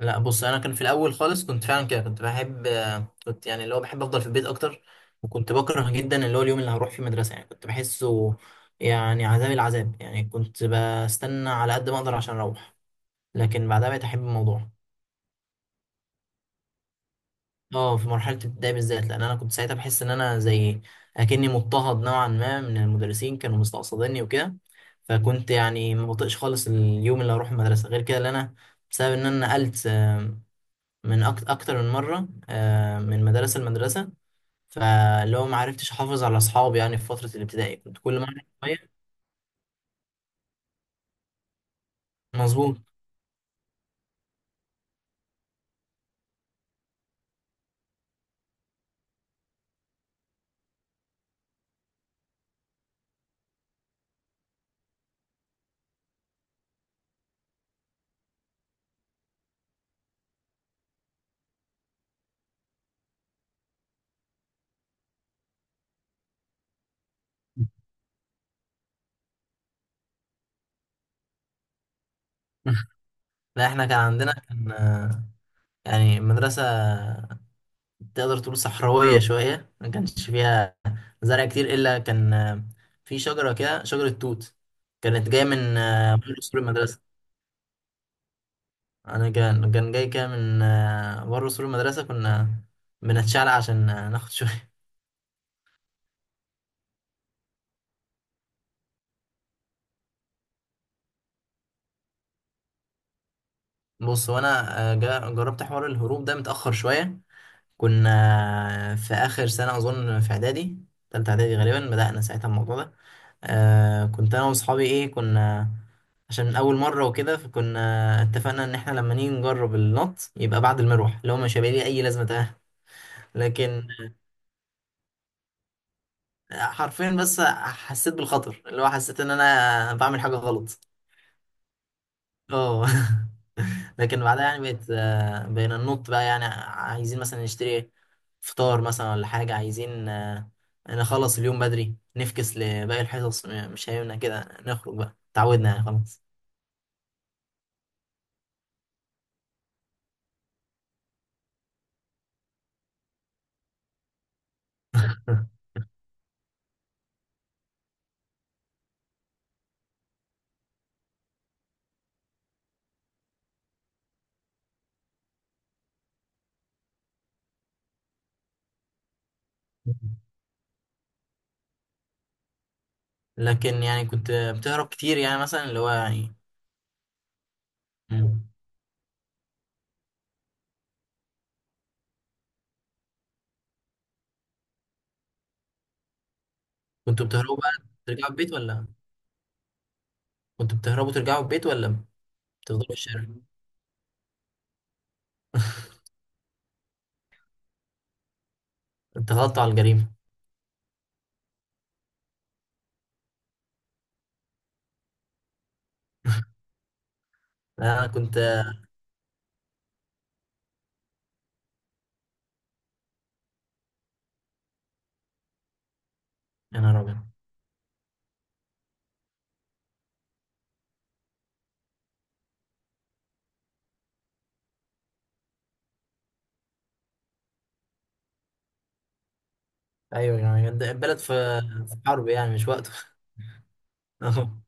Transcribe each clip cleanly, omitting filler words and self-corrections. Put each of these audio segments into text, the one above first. لا بص انا كان في الاول خالص كنت فعلا كده كنت بحب. كنت يعني اللي هو بحب افضل في البيت اكتر. وكنت بكره جدا اللي هو اليوم اللي هروح فيه مدرسه، يعني كنت بحسه يعني عذاب العذاب، يعني كنت بستنى على قد ما اقدر عشان اروح. لكن بعدها بقيت احب الموضوع. اه، في مرحله الابتدائي بالذات لان انا كنت ساعتها بحس ان انا زي اكني مضطهد نوعا ما، من المدرسين كانوا مستقصديني وكده. فكنت يعني ما بطيقش خالص اليوم اللي هروح المدرسه غير كده اللي انا، بسبب ان انا نقلت من اكتر من مره، من مدرسه لمدرسه. فاللي هو ما عرفتش احافظ على اصحابي، يعني في فتره الابتدائي كنت كل ما اعرف شويه. مظبوط. لا احنا كان عندنا كان آه، يعني مدرسه تقدر تقول صحراويه شويه، ما كانش فيها زرع كتير، الا كان في شجره كده، شجره توت كانت جايه من بره سور المدرسه. انا كان جاي كده من بره سور المدرسه، كنا بنتشعلق عشان ناخد شويه. بص هو انا جربت حوار الهروب ده متاخر شويه. كنا في اخر سنه اظن في اعدادي، تالتة اعدادي غالبا بدانا ساعتها الموضوع ده. كنت انا واصحابي ايه كنا عشان اول مره وكده، فكنا اتفقنا ان احنا لما نيجي نجرب النط يبقى بعد المروح، اللي هو مش هيبقى ليه اي لازمه، تمام. لكن حرفيا بس حسيت بالخطر، اللي هو حسيت ان انا بعمل حاجه غلط. اه. لكن بعدها يعني بقت آه، بقينا ننط بقى، يعني عايزين مثلا نشتري فطار مثلا ولا حاجة، عايزين نخلص اليوم بدري، نفكس لباقي الحصص. مش هينفع كده، نخرج بقى، تعودنا يعني، خلاص. لكن يعني كنت بتهرب كتير، يعني مثلا اللي هو يعني. مم. كنتوا بتهربوا بقى ترجعوا البيت ولا كنتوا بتهربوا ترجعوا البيت ولا بتفضلوا في الشارع؟ اتغطوا على الجريمة. لا، انا كنت. يا نهار ابيض. ايوه، يعني البلد في حرب، يعني مش وقته. اه.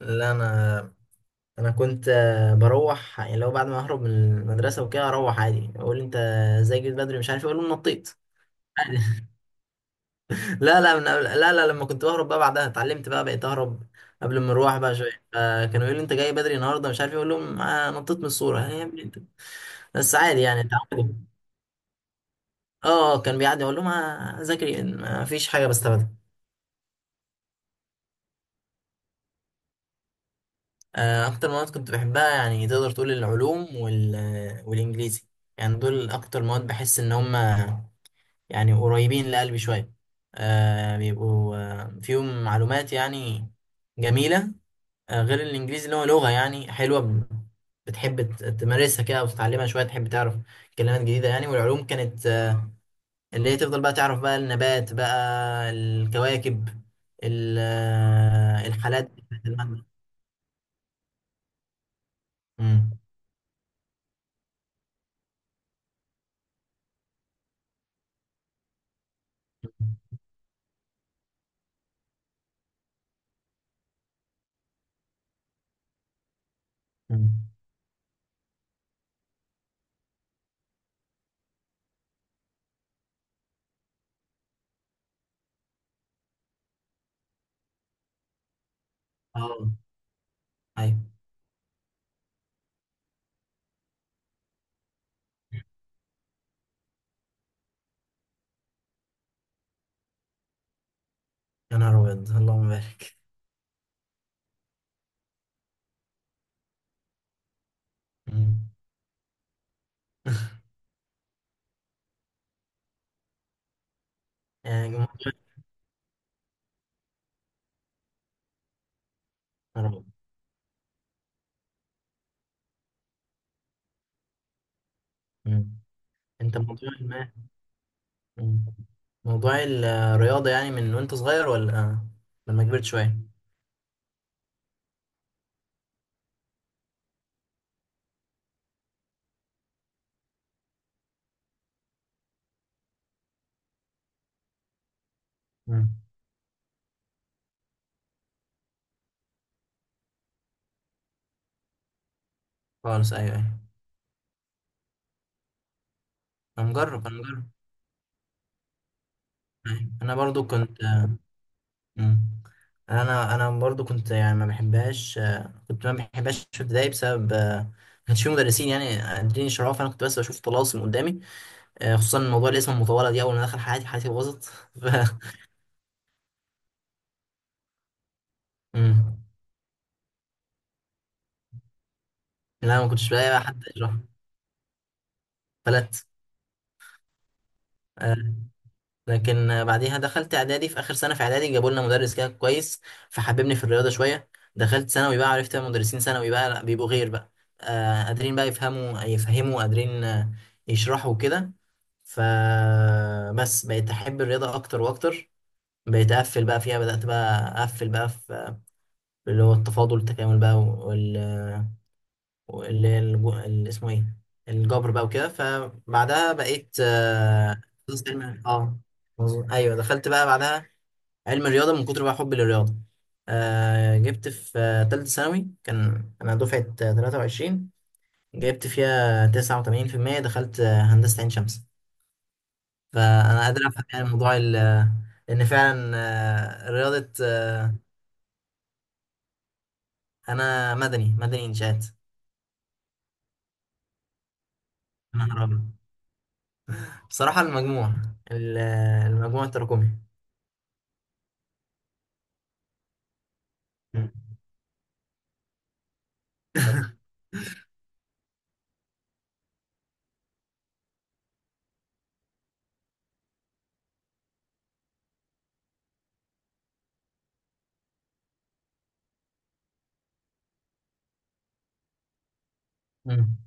لا انا كنت بروح، يعني لو بعد ما اهرب من المدرسه وكده اروح عادي، اقول انت ازاي جيت بدري، مش عارف إيه، اقول لهم نطيت. عادي. لا لا من قبل، لا لا، لما كنت بهرب بقى بعدها اتعلمت بقى، بقيت اهرب قبل ما اروح بقى شويه. فكانوا يقولوا لي انت جاي بدري النهارده، مش عارف إيه، اقول لهم آه نطيت من الصوره. يعني يا ابني انت. بس عادي يعني، اتعودوا. اه، كان بيعدي، اقول لهم ذاكري ما فيش حاجه بستفادها. اكتر مواد كنت بحبها يعني تقدر تقول العلوم والانجليزي. يعني دول اكتر مواد بحس ان هم يعني قريبين لقلبي شويه. بيبقوا فيهم معلومات يعني جميله. غير الانجليزي اللي هو لغه يعني حلوه، بتحب تمارسها كده وتتعلمها شويه، تحب تعرف كلمات جديده يعني. والعلوم كانت اللي هي تفضل بقى تعرف بقى النبات بقى، الكواكب، الحالات بتاعت المادة. مم. مم. اه. أيوة. يا نهار أبيض، اللهم بارك. مم. يعني موضوع. يا رب. مم. أنت موضوع ما. مم. موضوع الرياضة يعني من وأنت صغير ولا لما كبرت شوية؟ مم. خالص، أيوه أيوه. أنا مجرب، أنا مجرب. أيوة. أنا برضو كنت. مم. أنا برضو كنت يعني ما بحبهاش. كنت ما بحبهاش في ابتدائي بسبب ما كانش في مدرسين يعني قادرين يشرحوها، فأنا كنت بس بشوف طلاسم قدامي. خصوصا موضوع الاسم المطولة دي، أول ما دخل حياتي، حياتي باظت. ف مم. لا، ما كنتش بلاقي بقى حد يشرح. فلت. آه، لكن بعديها دخلت اعدادي، في اخر سنه في اعدادي جابوا لنا مدرس كده كويس فحببني في الرياضه شويه. دخلت ثانوي بقى، عرفت مدرسين ثانوي بقى لا، بيبقوا غير بقى قادرين بقى يفهموا قادرين يشرحوا كده. فبس بقيت احب الرياضه اكتر واكتر، بقيت اقفل بقى فيها، بدات بقى اقفل بقى في اللي هو التفاضل التكامل بقى، واللي هي اللي اسمه ايه، الجبر بقى وكده. فبعدها بقيت تخصص علم، مظبوط. ايوه، دخلت بقى بعدها علم الرياضه من كتر بقى حبي للرياضه. جبت في تالتة ثانوي، كان انا دفعه 23، جبت فيها 89%، دخلت هندسه عين شمس. فانا قادر افهم يعني موضوع ان فعلا. رياضه، انا مدني، مدني انشاءات. انا هرب بصراحه. المجموع ال- آه، المجموع التراكمي. مم. مم.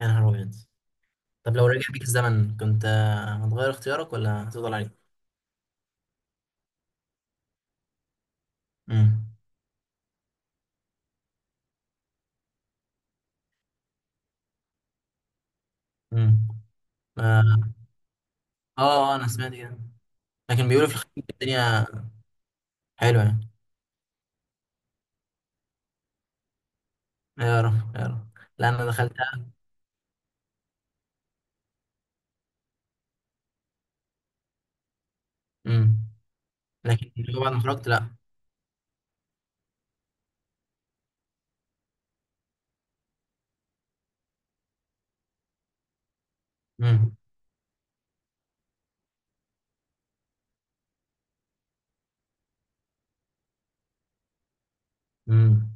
يا نهار أبيض. طب لو رجع بيك الزمن كنت هتغير اختيارك ولا هتفضل عليك؟ امم. امم. اه. انا سمعت كده. لكن بيقولوا في الخليج الدنيا حلوه يعني. يا رب يا رب. لا، انا دخلتها. امم. لكن اللي هو بعد ما خرجت لا. امم. امم.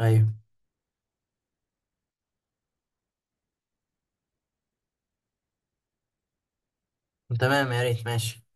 ايوه. تمام، يا ريت، ماشي.